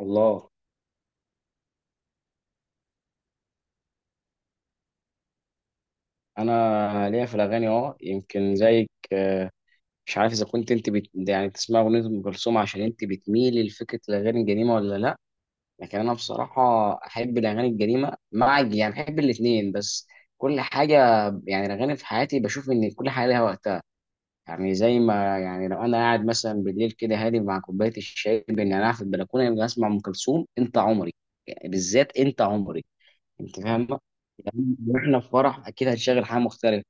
الله. انا ليا في الاغاني يمكن زيك. مش عارف اذا كنت انت بت... يعني بتسمع اغنيه ام كلثوم عشان انت بتميلي لفكره الاغاني القديمه ولا لا. لكن انا بصراحه احب الاغاني القديمه، مع يعني احب الاثنين، بس كل حاجه. يعني الاغاني في حياتي بشوف ان كل حاجه ليها وقتها. يعني زي ما يعني لو انا قاعد مثلا بالليل كده هادي مع كوبايه الشاي، بان انا قاعد في البلكونه، يبقى اسمع ام كلثوم انت عمري. يعني بالذات انت عمري، انت فاهمه يعني. احنا في فرح اكيد هنشغل حاجه مختلفه.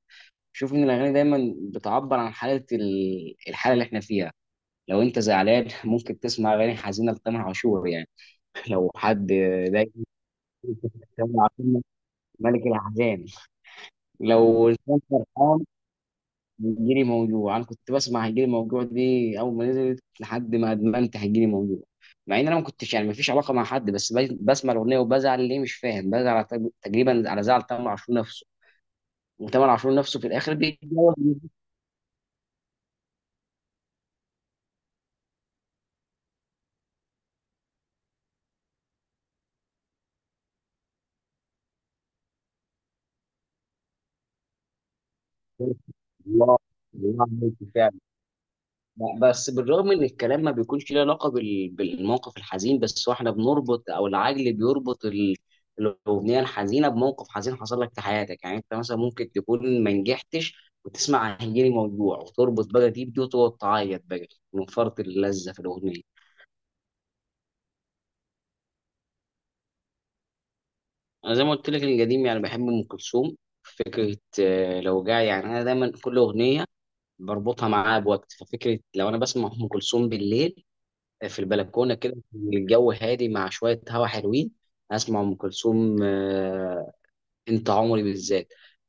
شوف ان الاغاني دايما بتعبر عن حاله الحاله اللي احنا فيها. لو انت زعلان ممكن تسمع اغاني حزينه لتامر عاشور يعني. لو حد دايما تامر عاشور ملك الاحزان. لو انسان فرحان هيجيلي موجوع. انا كنت بسمع هيجيلي موجوع دي اول ما نزلت لحد ما ادمنت هيجيلي موجوع، مع ان انا ما كنتش يعني ما فيش علاقه مع حد، بس بسمع الاغنيه وبزعل، ليه مش فاهم بزعل، على تقريبا على زعل تامر عشور نفسه، وتامر عاشور نفسه في الاخر بيتجوز. الله، الله عليك. لا، بس بالرغم ان الكلام ما بيكونش له علاقه بالموقف الحزين، بس هو احنا بنربط او العجل بيربط الاغنيه الحزينه بموقف حزين حصل لك في حياتك. يعني انت مثلا ممكن تكون ما نجحتش وتسمع هيجيلي موجوع وتربط بقى دي بدي وتقعد تعيط بقى من فرط اللذه في الاغنيه. انا زي ما قلت لك القديم يعني بحب ام كلثوم فكره. لو جاي يعني انا دايما كل اغنيه بربطها معاها بوقت، ففكره لو انا بسمع ام كلثوم بالليل في البلكونه كده، الجو هادي مع شويه هوا حلوين، اسمع ام كلثوم. انت عمري بالذات.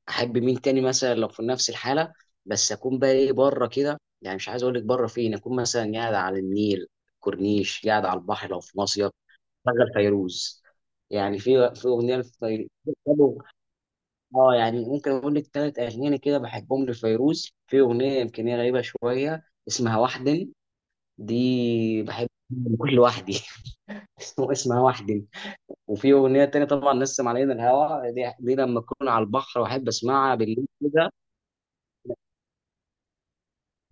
احب مين تاني مثلا لو في نفس الحاله، بس اكون بقى ايه بره كده، يعني مش عايز اقول لك بره فين، اكون مثلا قاعد على النيل، كورنيش، قاعد على البحر، لو في مصيف شغل فيروز. يعني في اغنيه لفيروز. اه يعني ممكن اقول لك 3 اغاني كده بحبهم لفيروز. في اغنيه يمكن هي غريبه شويه اسمها وحدن، دي بحب كل لوحدي اسمه اسمها وحدي. وفي اغنيه تانية طبعا نسم علينا الهوى، دي لما اكون على البحر واحب اسمعها بالليل كده.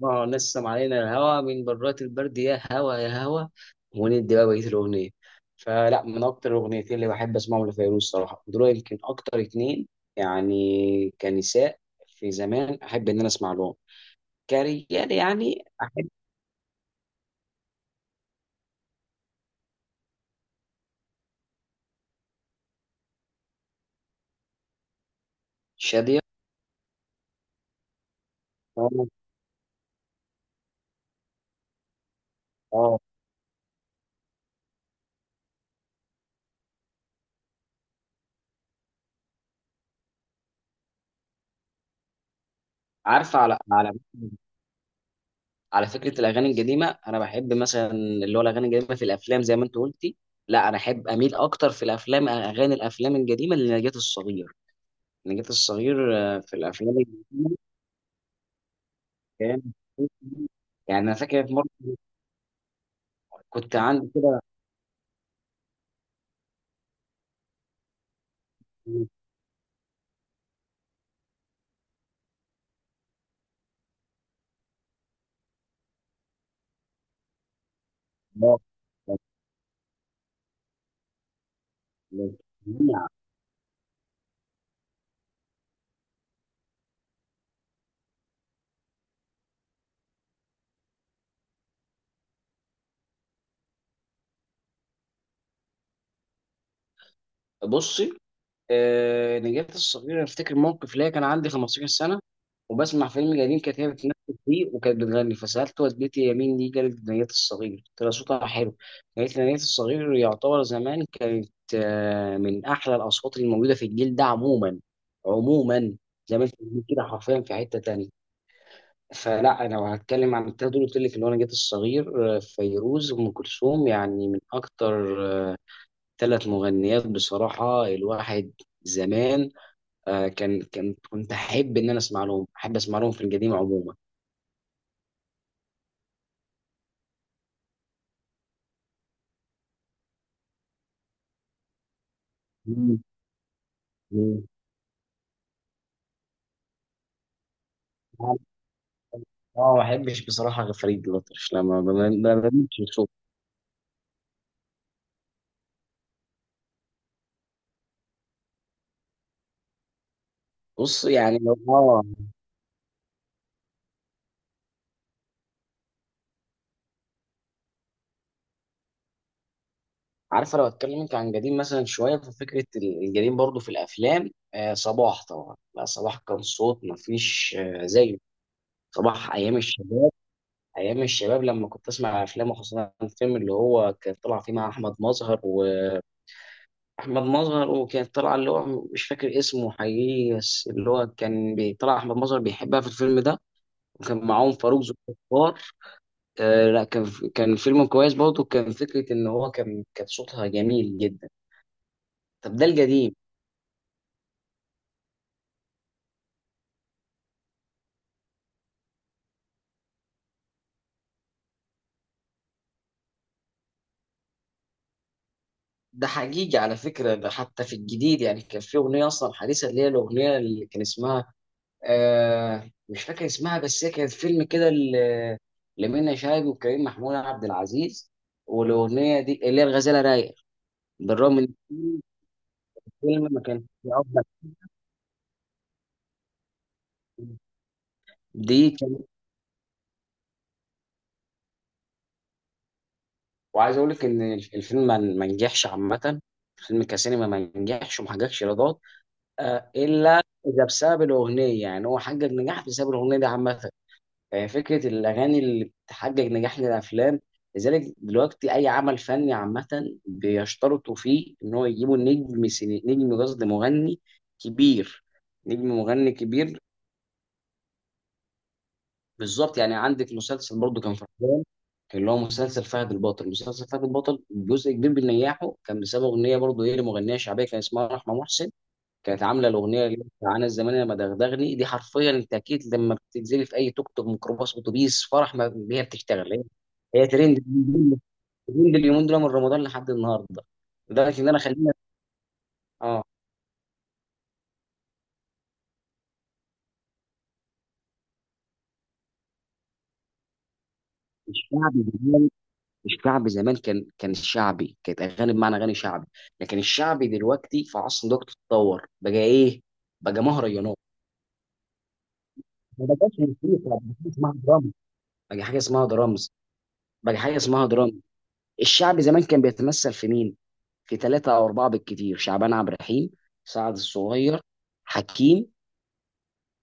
اه، نسم علينا الهوى من برات البرد يا هوى يا هوى، وندي بقى بقيه الاغنيه. فلا، من اكتر الاغنيتين اللي بحب اسمعهم لفيروز صراحه دول، يمكن اكتر اتنين يعني كنساء في زمان احب ان انا اسمع لهم كرجال يعني احب. شاديه، اه. آه. عارفه على على فكره الاغاني القديمه انا بحب مثلا اللي هو الاغاني القديمه في الافلام زي ما انت قلتي. لا انا احب اميل اكتر في الافلام، اغاني الافلام القديمه لنجاة الصغير. نجاة الصغير، في الافلام القديمه كان يعني انا فاكر في مره كنت عندي كده بصي. نجاة الصغير، أنا افتكر موقف ليا كان عندي 15 سنه وبسمع فيلم قديم كانت هي بتمثل فيه وكانت بتغني، فسألت والدتي يا مين دي، قالت دنيا الصغير، قلت لها صوتها حلو. قالت لي دنيا الصغير يعتبر زمان كانت، من أحلى الأصوات اللي موجودة في الجيل ده عموما. عموما زي ما انت بتقول كده حرفيا في حتة تانية. فلا أنا لو هتكلم عن التلاتة دول قلت لك اللي هو نجاة الصغير، فيروز وأم كلثوم، يعني من أكتر 3 مغنيات بصراحة الواحد زمان، كان كنت أحب إن أنا أسمع لهم، أحب أسمع لهم في القديم عموما. مم. مم. اه ما بحبش بصراحه غير فريد الأطرش لما ما بموتش بصوت. بص يعني لو اه عارفه، لو اتكلمت عن قديم مثلا شويه ففكره القديم برضو في الافلام، آه صباح طبعا، لا صباح كان صوت ما فيش آه زيه. صباح ايام الشباب، ايام الشباب لما كنت اسمع افلامه، خصوصا الفيلم اللي هو كان طلع فيه مع احمد مظهر، واحمد مظهر وكانت طالعه اللي هو مش فاكر اسمه حقيقي، بس اللي هو كان طلع احمد مظهر بيحبها في الفيلم ده وكان معاهم فاروق ذوالفقار. آه لا كان كان فيلم كويس برضه، كان فكره ان هو كان صوتها جميل جدا. طب ده القديم. ده حقيقي، على فكره ده حتى في الجديد، يعني كان في اغنيه اصلا حديثه اللي هي الاغنيه اللي كان اسمها آه مش فاكر اسمها، بس هي كانت فيلم كده لمنى شلبي وكريم محمود عبد العزيز، والاغنيه دي اللي هي الغزاله رايق، بالرغم ان الفيلم ما كانش فيه افضل دي. وعايز اقول لك ان الفيلم ما نجحش عامه، الفيلم كسينما ما نجحش وما حققش ايرادات، الا اذا بسبب الاغنيه، يعني هو حقق نجاح بسبب الاغنيه دي عامه، يعني فكره الاغاني اللي بتحقق نجاح للافلام. لذلك دلوقتي اي عمل فني عامه بيشترطوا فيه ان هو يجيبوا نجم سيني... نجم قصد مغني كبير، نجم مغني كبير. بالظبط، يعني عندك مسلسل برضه كان في رمضان اللي هو مسلسل فهد البطل. مسلسل فهد البطل جزء كبير بنجاحه كان بسبب اغنيه برضه ايه لمغنيه شعبيه كان اسمها رحمه محسن. كانت عامله الاغنيه اللي بتاع انا الزمان لما دغدغني دي، حرفيا انت اكيد لما بتنزلي في اي توك توك ميكروباص اتوبيس فرح ما هي بتشتغل هي. هي ترند، ترند اليومين دول من رمضان لحد النهارده. لدرجه ان انا خلينا. اه الشعبي، الشعبي زمان كان شعبي، كانت اغاني بمعنى اغاني شعبي. لكن الشعبي دلوقتي في عصر دلوقتي اتطور بقى ايه، بقى مهرجانات، ما بقاش موسيقى، بقى حاجه اسمها درامز بقى حاجه اسمها درامز. الشعبي زمان كان بيتمثل في مين، في 3 او 4 بالكتير، شعبان عبد الرحيم، سعد الصغير، حكيم،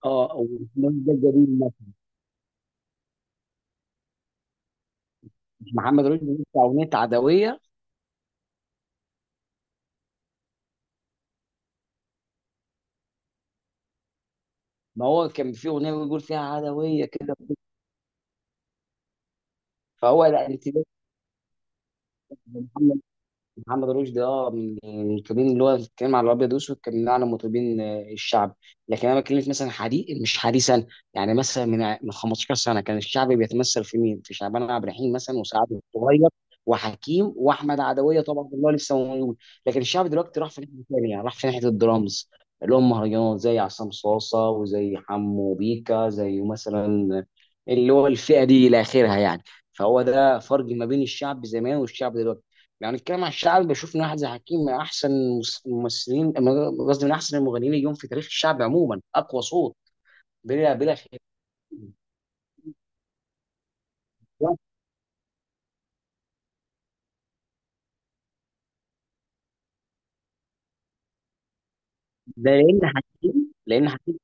اه ومحمد ده الجليل مثلا. محمد رشدي بيقول في اغنيه عدويه، ما هو كان في اغنيه بيقول فيها عدويه كده. فهو لا انت، محمد رشدي اه من المطربين اللي هو بيتكلم على الابيض واسود، كان من اعلى مطربين، الشعب. لكن انا بكلمك مثلا حديث مش حديثا، يعني مثلا من 15 سنه كان الشعب بيتمثل في مين؟ في شعبان عبد الرحيم مثلا، وسعد الصغير، وحكيم، واحمد عدويه طبعا اللي هو لسه موجود. لكن الشعب دلوقتي راح في ناحيه ثانيه، يعني راح في ناحيه الدرامز اللي هم مهرجانات، زي عصام صاصه وزي حمو بيكا زي مثلا اللي هو الفئه دي الى اخرها يعني. فهو ده فرق ما بين الشعب زمان والشعب دلوقتي. لو هنتكلم عن الشعب بشوف ان احمد زكي حكيم من احسن الممثلين، قصدي من احسن المغنيين اليوم في تاريخ الشعب عموما، اقوى صوت بلا خلاف. ده لان حكيم، لان حكيم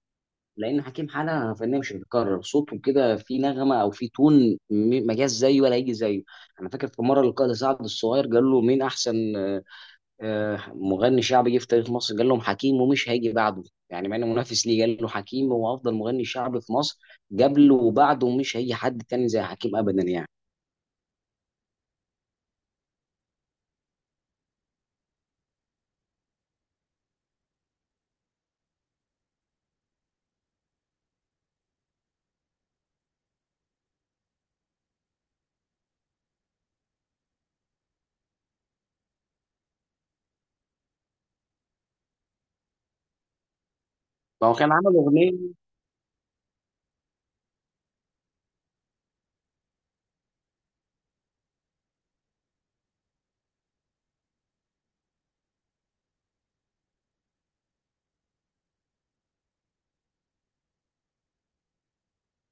لان حكيم حاله فنيه مش هتتكرر، صوته كده في نغمه او في تون ما جاش زيه ولا يجي زيه. انا فاكر في مره القائد سعد الصغير قال له مين احسن مغني شعبي جه في تاريخ مصر، قال لهم حكيم ومش هيجي بعده، يعني مع انه منافس ليه قال له حكيم هو افضل مغني شعبي في مصر قبله وبعده، ومش هيجي حد تاني زي حكيم ابدا يعني. فهو كان عمل اغنيه.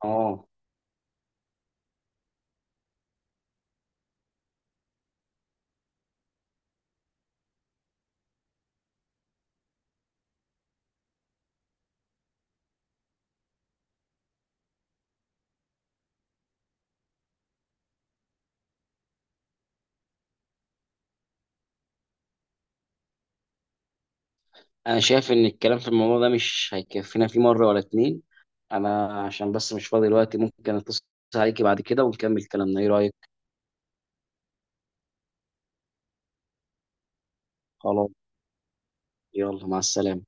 اه انا شايف ان الكلام في الموضوع ده مش هيكفينا فيه مره ولا اتنين، انا عشان بس مش فاضي دلوقتي ممكن اتصل عليكي بعد كده ونكمل كلامنا، ايه رايك؟ خلاص، يلا مع السلامه.